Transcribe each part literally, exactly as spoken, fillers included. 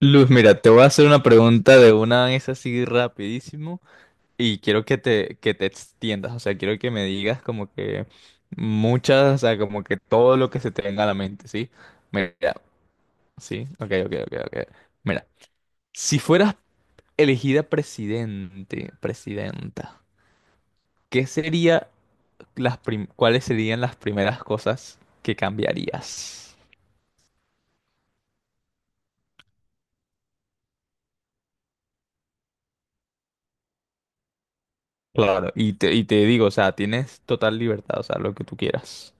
Luz, mira, te voy a hacer una pregunta de una vez así rapidísimo y quiero que te, que te extiendas, o sea, quiero que me digas como que muchas, o sea, como que todo lo que se te venga a la mente, ¿sí? Mira, sí, ok, ok, ok, ok. Mira, si fueras elegida presidente, presidenta, ¿qué sería las prim- ¿cuáles serían las primeras cosas que cambiarías? Claro, y te, y te digo, o sea, tienes total libertad, o sea, lo que tú quieras.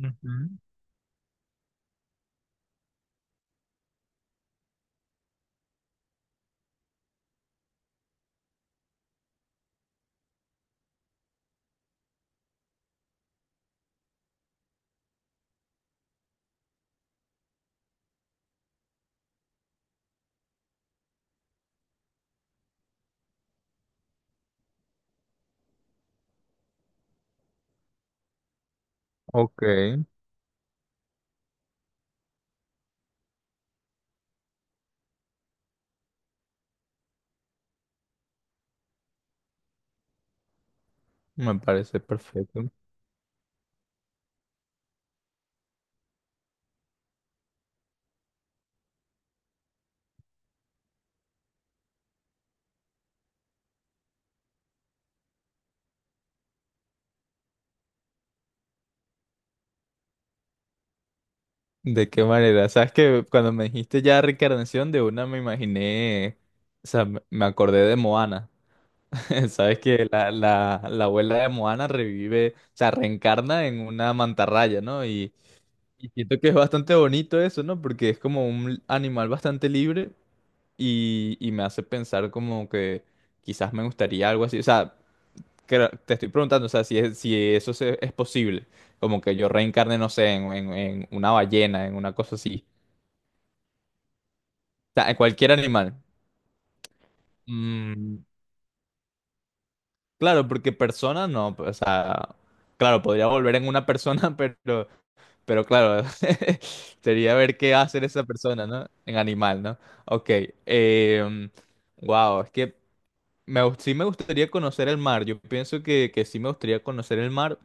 Ujú. Ok, me parece perfecto. ¿De qué manera? Sabes que cuando me dijiste ya reencarnación de una me imaginé, o sea, me me acordé de Moana. Sabes que la, la, la abuela de Moana revive, o sea, reencarna en una mantarraya, ¿no? Y, y siento que es bastante bonito eso, ¿no? Porque es como un animal bastante libre y, y me hace pensar como que quizás me gustaría algo así. O sea, Creo- te estoy preguntando, o sea, si, es- si eso se- es posible, como que yo reencarne, no sé, en, en- en una ballena, en una cosa así, o sea, en cualquier animal. Mm, claro, porque persona no, pues, o sea, claro, podría volver en una persona, pero, pero claro, sería ver qué va a hacer esa persona, ¿no? En animal, ¿no? Ok, wow, es que me, gust- sí me gustaría conocer el mar, yo pienso que, que sí me gustaría conocer el mar,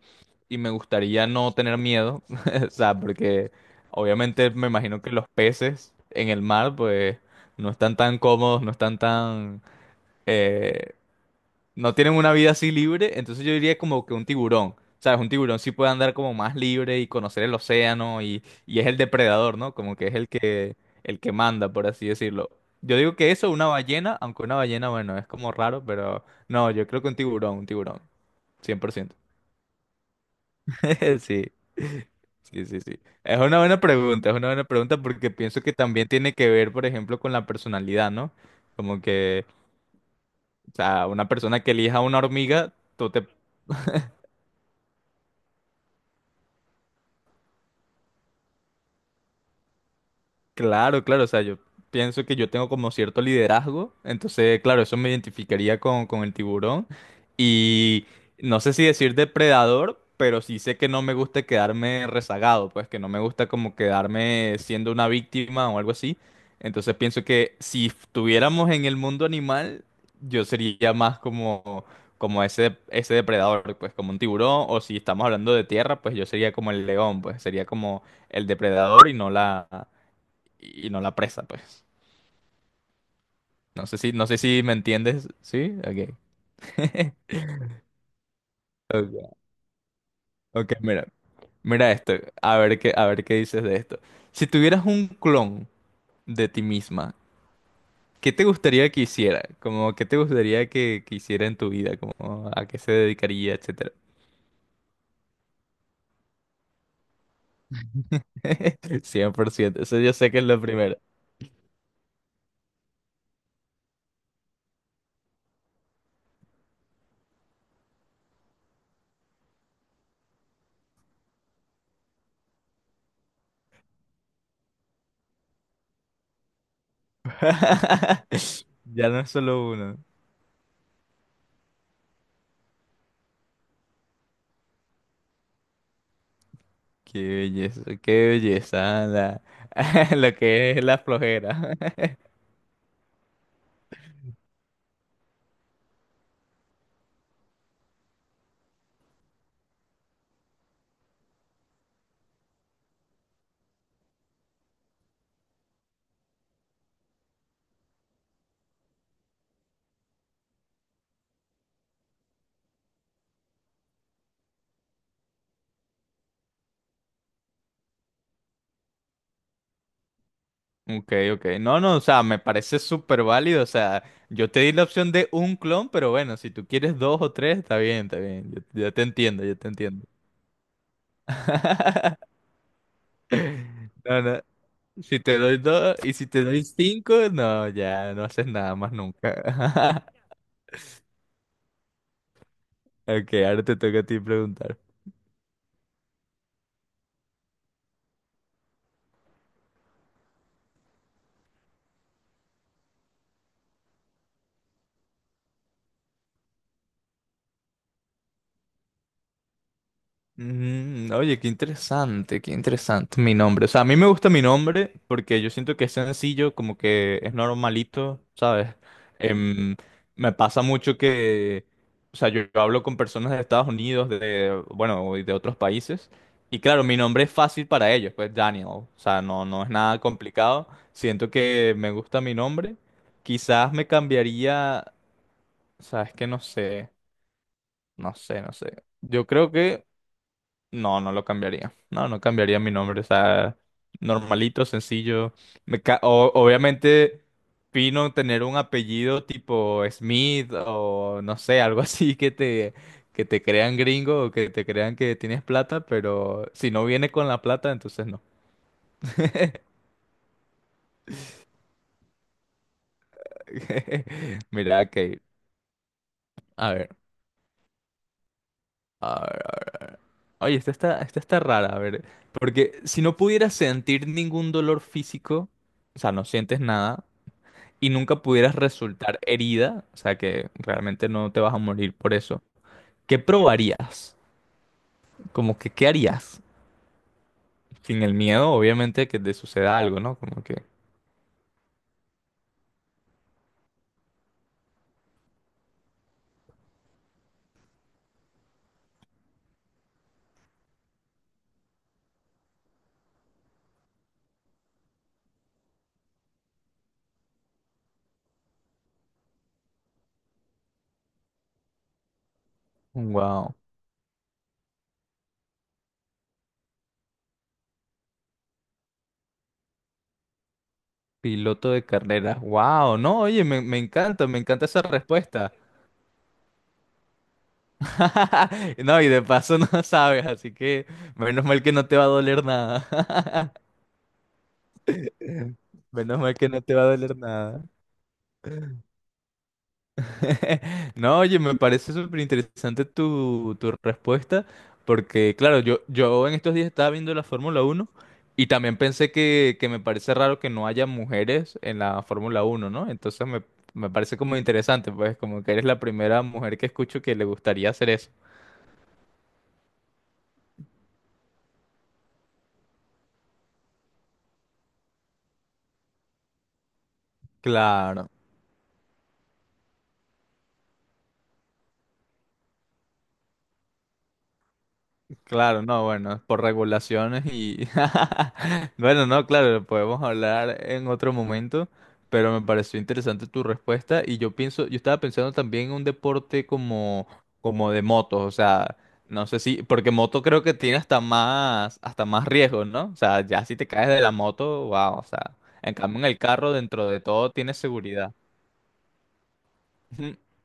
y me gustaría no tener miedo, o sea, porque obviamente me imagino que los peces en el mar, pues, no están tan cómodos, no están tan, eh, no tienen una vida así libre, entonces yo diría como que un tiburón, ¿sabes? Un tiburón sí puede andar como más libre y conocer el océano y, y es el depredador, ¿no? Como que es el que, el que manda, por así decirlo. Yo digo que eso, una ballena, aunque una ballena, bueno, es como raro, pero no, yo creo que un tiburón, un tiburón, cien por ciento. Sí. Sí, sí, sí. Es una buena pregunta, es una buena pregunta porque pienso que también tiene que ver, por ejemplo, con la personalidad, ¿no? Como que, o sea, una persona que elija una hormiga, tú te Claro, claro, o sea, yo pienso que yo tengo como cierto liderazgo, entonces, claro, eso me identificaría con, con el tiburón y no sé si decir depredador, pero sí sé que no me gusta quedarme rezagado, pues que no me gusta como quedarme siendo una víctima o algo así, entonces pienso que si estuviéramos en el mundo animal, yo sería más como, como ese, ese depredador, pues como un tiburón, o si estamos hablando de tierra, pues yo sería como el león, pues sería como el depredador y no la y no la presa, pues. No sé si, no sé si me entiendes, ¿sí? Ok. Ok, ok, mira. Mira esto, a ver qué, a ver qué dices de esto. Si tuvieras un clon de ti misma, ¿qué te gustaría que hiciera? Como, ¿qué te gustaría que, que hiciera en tu vida? Como, ¿a qué se dedicaría, etcétera? Cien por ciento eso yo sé que es lo primero. Ya no es solo uno. Qué belleza, qué belleza. La- lo que es la flojera. Ok, ok. No, no, o sea, me parece súper válido. O sea, yo te di la opción de un clon, pero bueno, si tú quieres dos o tres, está bien, está bien. Yo, yo te entiendo, yo te entiendo. No, no. Si te doy dos y si te doy cinco, no, ya no haces nada más nunca. Ok, ahora te toca a ti preguntar. Mm, oye, qué interesante, qué interesante mi nombre. O sea, a mí me gusta mi nombre porque yo siento que es sencillo, como que es normalito, ¿sabes? Em, Me pasa mucho que, o sea, yo, yo hablo con personas de Estados Unidos, de, bueno, y de otros países, y claro, mi nombre es fácil para ellos, pues Daniel, o sea, no, no es nada complicado. Siento que me gusta mi nombre. Quizás me cambiaría, o sea, es que no sé, no sé, no sé. Yo creo que... No, no lo cambiaría. No, no cambiaría mi nombre. O sea, normalito, sencillo. Me ca- o- obviamente, fino tener un apellido tipo Smith o no sé, algo así que te, que te crean gringo o que te crean que tienes plata, pero si no viene con la plata, entonces no. Mira, que a ver, a ver, a ver. A ver. Oye, esta está, esta está rara, a ver. Porque si no pudieras sentir ningún dolor físico, o sea, no sientes nada, y nunca pudieras resultar herida, o sea que realmente no te vas a morir por eso, ¿qué probarías? Como que, ¿qué harías? Sin el miedo, obviamente, que te suceda algo, ¿no? Como que, wow, piloto de carreras, wow, no, oye, me, me encanta, me encanta esa respuesta. No, y de paso no sabes, así que menos mal que no te va a doler nada. Menos mal que no te va a doler nada. No, oye, me parece súper interesante tu, tu respuesta, porque claro, yo, yo en estos días estaba viendo la Fórmula Uno y también pensé que, que me parece raro que no haya mujeres en la Fórmula Uno, ¿no? Entonces me, me parece como interesante, pues como que eres la primera mujer que escucho que le gustaría hacer eso. Claro. Claro, no, bueno, por regulaciones y... Bueno, no, claro, lo podemos hablar en otro momento, pero me pareció interesante tu respuesta y yo pienso, yo estaba pensando también en un deporte como, como, de motos, o sea, no sé si, porque moto creo que tiene hasta más, hasta más riesgos, ¿no? O sea, ya si te caes de la moto, wow, o sea, en cambio en el carro dentro de todo tiene seguridad.